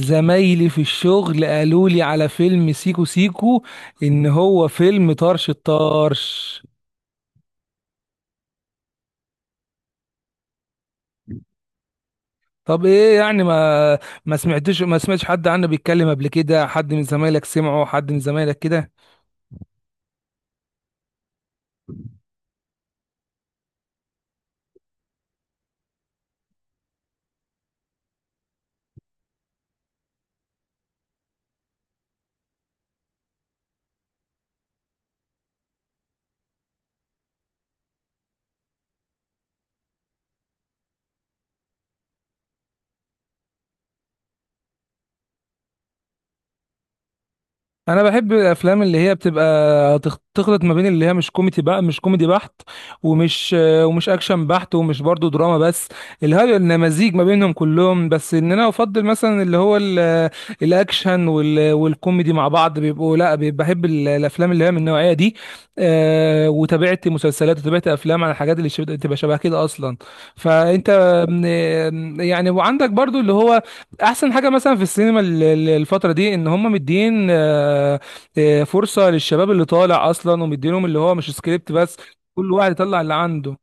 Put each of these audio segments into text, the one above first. زمايلي في الشغل قالوا لي على فيلم سيكو سيكو، ان هو فيلم طرش الطرش. طب ايه يعني؟ ما سمعتش حد عنه بيتكلم قبل كده؟ حد من زمايلك سمعه؟ حد من زمايلك كده؟ انا بحب الافلام اللي هي بتبقى تخلط ما بين اللي هي مش كوميدي، بقى مش كوميدي بحت، ومش اكشن بحت، ومش برضو دراما بس. اللي هو إن مزيج ما بينهم كلهم، بس ان انا افضل مثلا اللي هو الاكشن والكوميدي مع بعض بيبقوا. لا، بحب الافلام اللي هي من النوعيه دي. وتابعت مسلسلات وتابعت افلام على الحاجات اللي تبقى شبه كده اصلا. فانت آم، آم، يعني، وعندك برضو اللي هو احسن حاجه مثلا في السينما الفتره دي، ان هم مدين فرصه للشباب اللي طالع اصلا، ومدينهم اللي هو مش سكريبت بس. كل واحد يطلع اللي عنده.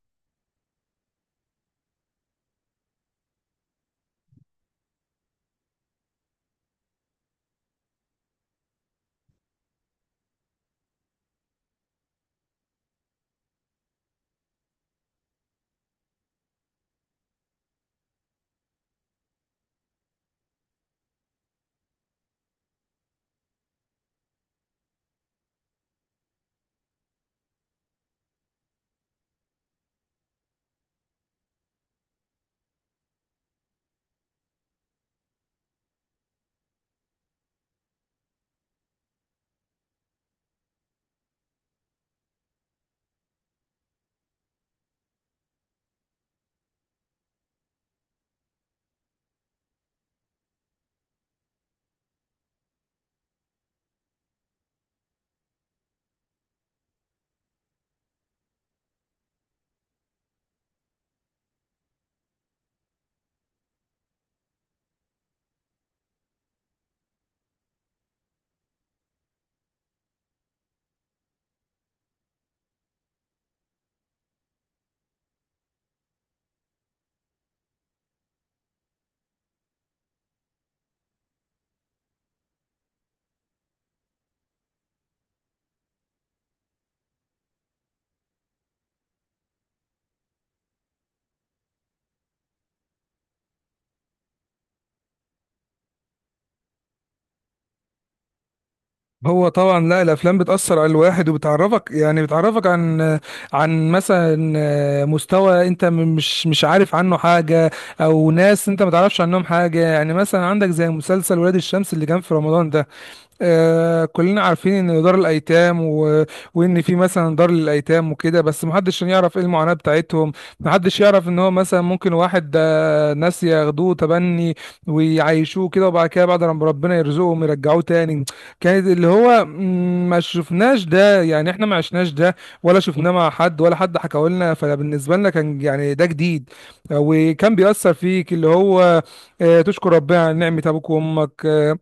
هو طبعا، لا، الافلام بتاثر على الواحد وبتعرفك، يعني بتعرفك عن مثلا مستوى انت مش عارف عنه حاجه، او ناس انت ما تعرفش عنهم حاجه. يعني مثلا عندك زي مسلسل ولاد الشمس اللي كان في رمضان ده. كلنا عارفين ان دار الايتام وان في مثلا دار للايتام وكده، بس محدش يعرف ايه المعاناة بتاعتهم. محدش يعرف ان هو مثلا ممكن واحد ده، ناس ياخدوه تبني ويعيشوه كده، وبعد كده بعد لما ربنا يرزقهم يرجعوه تاني. كانت اللي هو، ما شفناش ده، يعني احنا ما عشناش ده، ولا شفناه مع حد، ولا حد حكى لنا. فبالنسبة لنا كان يعني ده جديد. وكان بيأثر فيك اللي هو تشكر ربنا على نعمة ابوك وامك.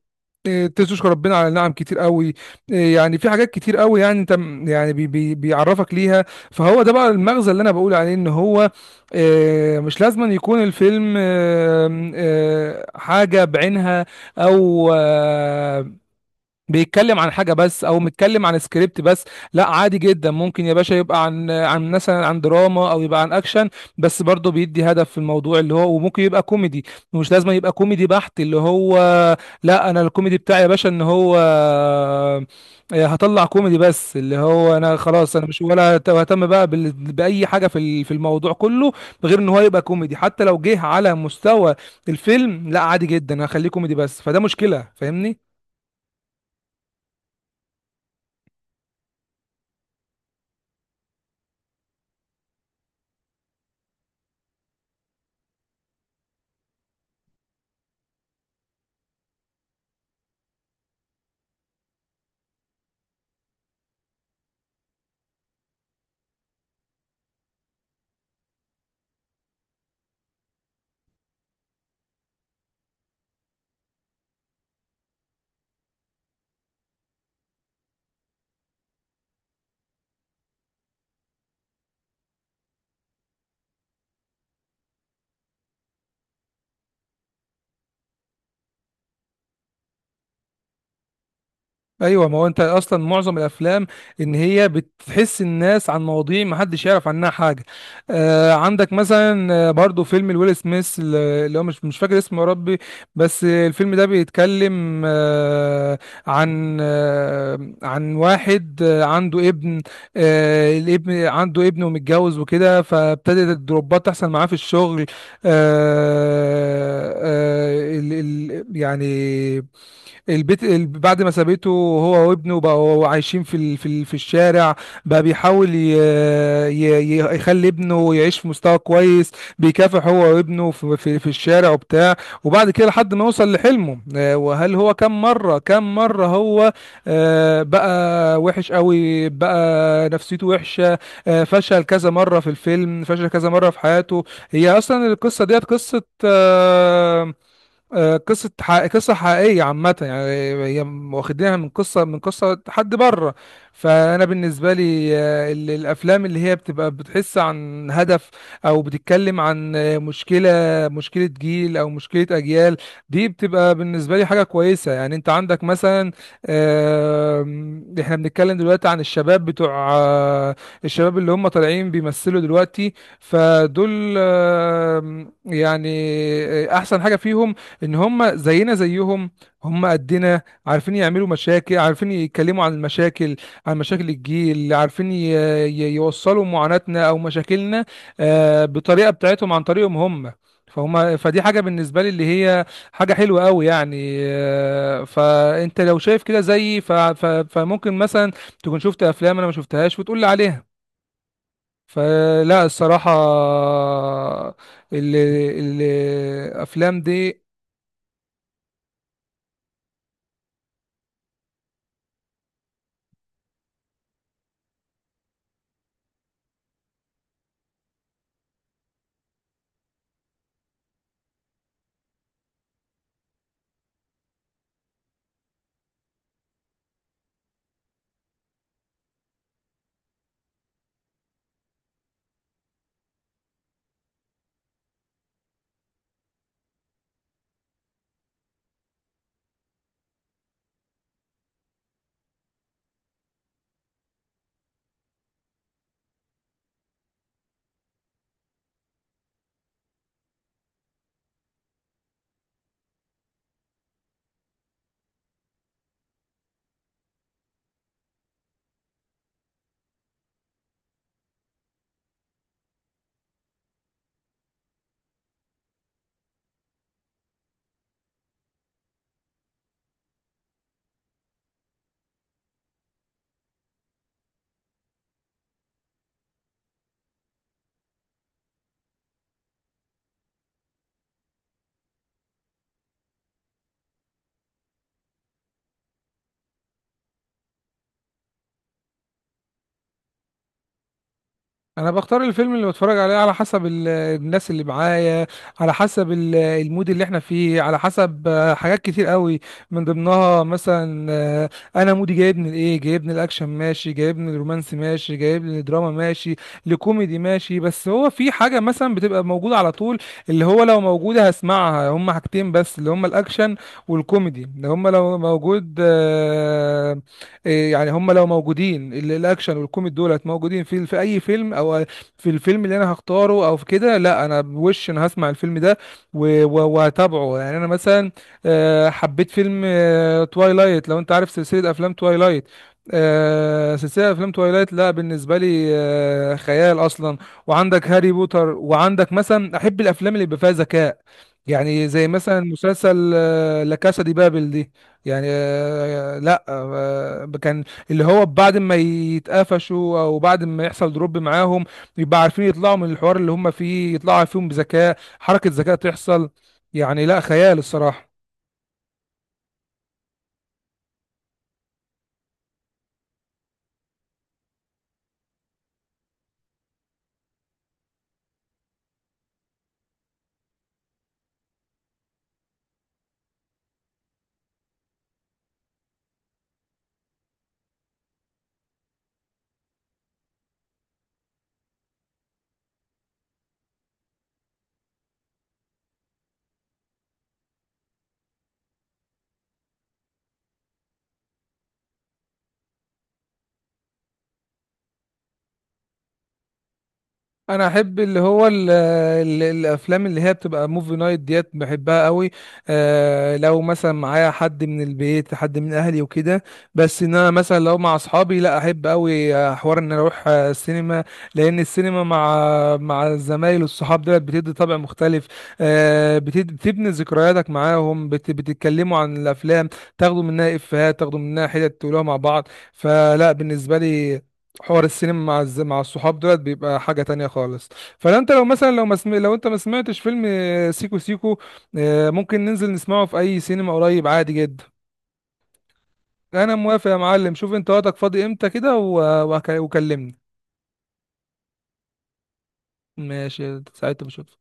إيه، تشكر ربنا على نعم كتير قوي. إيه، يعني في حاجات كتير قوي، يعني انت يعني بي بي بيعرفك ليها. فهو ده بقى المغزى اللي انا بقول عليه، ان هو إيه، مش لازم أن يكون الفيلم آم، آه، حاجة بعينها، او بيتكلم عن حاجة بس، أو متكلم عن سكريبت بس. لا، عادي جدا ممكن يا باشا يبقى عن مثلا عن دراما، أو يبقى عن أكشن، بس برضه بيدي هدف في الموضوع اللي هو. وممكن يبقى كوميدي، مش لازم يبقى كوميدي بحت اللي هو. لا، أنا الكوميدي بتاعي يا باشا إن هو هطلع كوميدي بس، اللي هو أنا خلاص أنا مش ولا أهتم بقى بأي حاجة في الموضوع كله، غير إن هو يبقى كوميدي. حتى لو جه على مستوى الفيلم، لا عادي جدا، هخليه كوميدي بس، فده مشكلة فاهمني. ايوه، ما هو انت اصلا معظم الافلام ان هي بتحس الناس عن مواضيع ما حدش يعرف عنها حاجه. عندك مثلا، برضو فيلم الويل سميث، اللي هو مش فاكر اسمه يا ربي، بس الفيلم ده بيتكلم عن واحد عنده ابن. الابن عنده ابن ومتجوز وكده، فابتدت الدروبات تحصل معاه في الشغل. ال ال يعني بعد ما سابته، هو وابنه بقوا عايشين في الشارع. بقى بيحاول يخلي ابنه يعيش في مستوى كويس، بيكافح هو وابنه في الشارع وبتاع، وبعد كده لحد ما يوصل لحلمه. وهل هو كم مرة كم مرة هو بقى وحش قوي، بقى نفسيته وحشة. فشل كذا مرة في الفيلم، فشل كذا مرة في حياته. هي اصلا القصة ديت قصة قصة حقيقية عامة يعني. هي واخدينها من قصة حد بره. فأنا بالنسبة لي الأفلام اللي هي بتبقى بتحس عن هدف، أو بتتكلم عن مشكلة جيل أو مشكلة أجيال، دي بتبقى بالنسبة لي حاجة كويسة. يعني أنت عندك مثلا، إحنا بنتكلم دلوقتي عن الشباب بتوع الشباب اللي هم طالعين بيمثلوا دلوقتي. فدول يعني أحسن حاجة فيهم ان هم زينا زيهم، هم قدنا، عارفين يعملوا مشاكل، عارفين يتكلموا عن المشاكل، عن مشاكل الجيل، عارفين يوصلوا معاناتنا او مشاكلنا بطريقة بتاعتهم، عن طريقهم هم. فهم فدي حاجة بالنسبة لي اللي هي حاجة حلوة قوي يعني. فانت لو شايف كده زيي، فممكن مثلا تكون شفت افلام انا ما شفتهاش وتقول لي عليها. فلا الصراحة ال- ال- الافلام دي. انا بختار الفيلم اللي بتفرج عليه على حسب الناس اللي معايا، على حسب المود اللي احنا فيه، على حسب حاجات كتير قوي. من ضمنها مثلا انا مودي جايبني لايه. جايبني الاكشن ماشي، جايبني الرومانسي ماشي، جايبني الدراما ماشي، لكوميدي ماشي. بس هو في حاجة مثلا بتبقى موجودة على طول اللي هو لو موجودة هسمعها. هما حاجتين بس اللي هما الاكشن والكوميدي، اللي هما لو موجود إيه يعني، هم لو موجودين الاكشن والكوميدي دولت موجودين في اي فيلم، او في الفيلم اللي انا هختاره، او في كده، لا انا بوش، انا هسمع الفيلم ده وهتابعه. يعني انا مثلا حبيت فيلم توايلايت، لو انت عارف سلسلة افلام توايلايت. سلسلة افلام توايلايت، لا بالنسبة لي خيال اصلا. وعندك هاري بوتر، وعندك مثلا احب الافلام اللي بيبقى فيها ذكاء، يعني زي مثلا مسلسل لا كاسا دي بابل دي. يعني لا، كان اللي هو بعد ما يتقفشوا او بعد ما يحصل دروب معاهم، يبقى عارفين يطلعوا من الحوار اللي هم فيه، يطلعوا فيهم بذكاء، حركة ذكاء تحصل. يعني لا، خيال الصراحة. انا احب اللي هو ال ال الافلام اللي هي بتبقى موفي نايت ديت، بحبها قوي. لو مثلا معايا حد من البيت، حد من اهلي وكده. بس ان انا مثلا لو مع اصحابي، لا احب قوي حوار ان أنا اروح السينما، لان السينما مع الزمايل والصحاب ديت بتدي طابع مختلف. بتبني ذكرياتك معاهم، بتتكلموا عن الافلام، تاخدوا منها افيهات، تاخدوا منها حتت تقولوها مع بعض. فلا بالنسبه لي، حوار السينما مع الصحاب دولت بيبقى حاجة تانية خالص. فانت لو مثلا، لو انت ما سمعتش فيلم سيكو سيكو، ممكن ننزل نسمعه في اي سينما قريب، عادي جدا. انا موافق يا معلم، شوف انت وقتك فاضي امتى كده وكلمني. ماشي، ساعتها بشوف.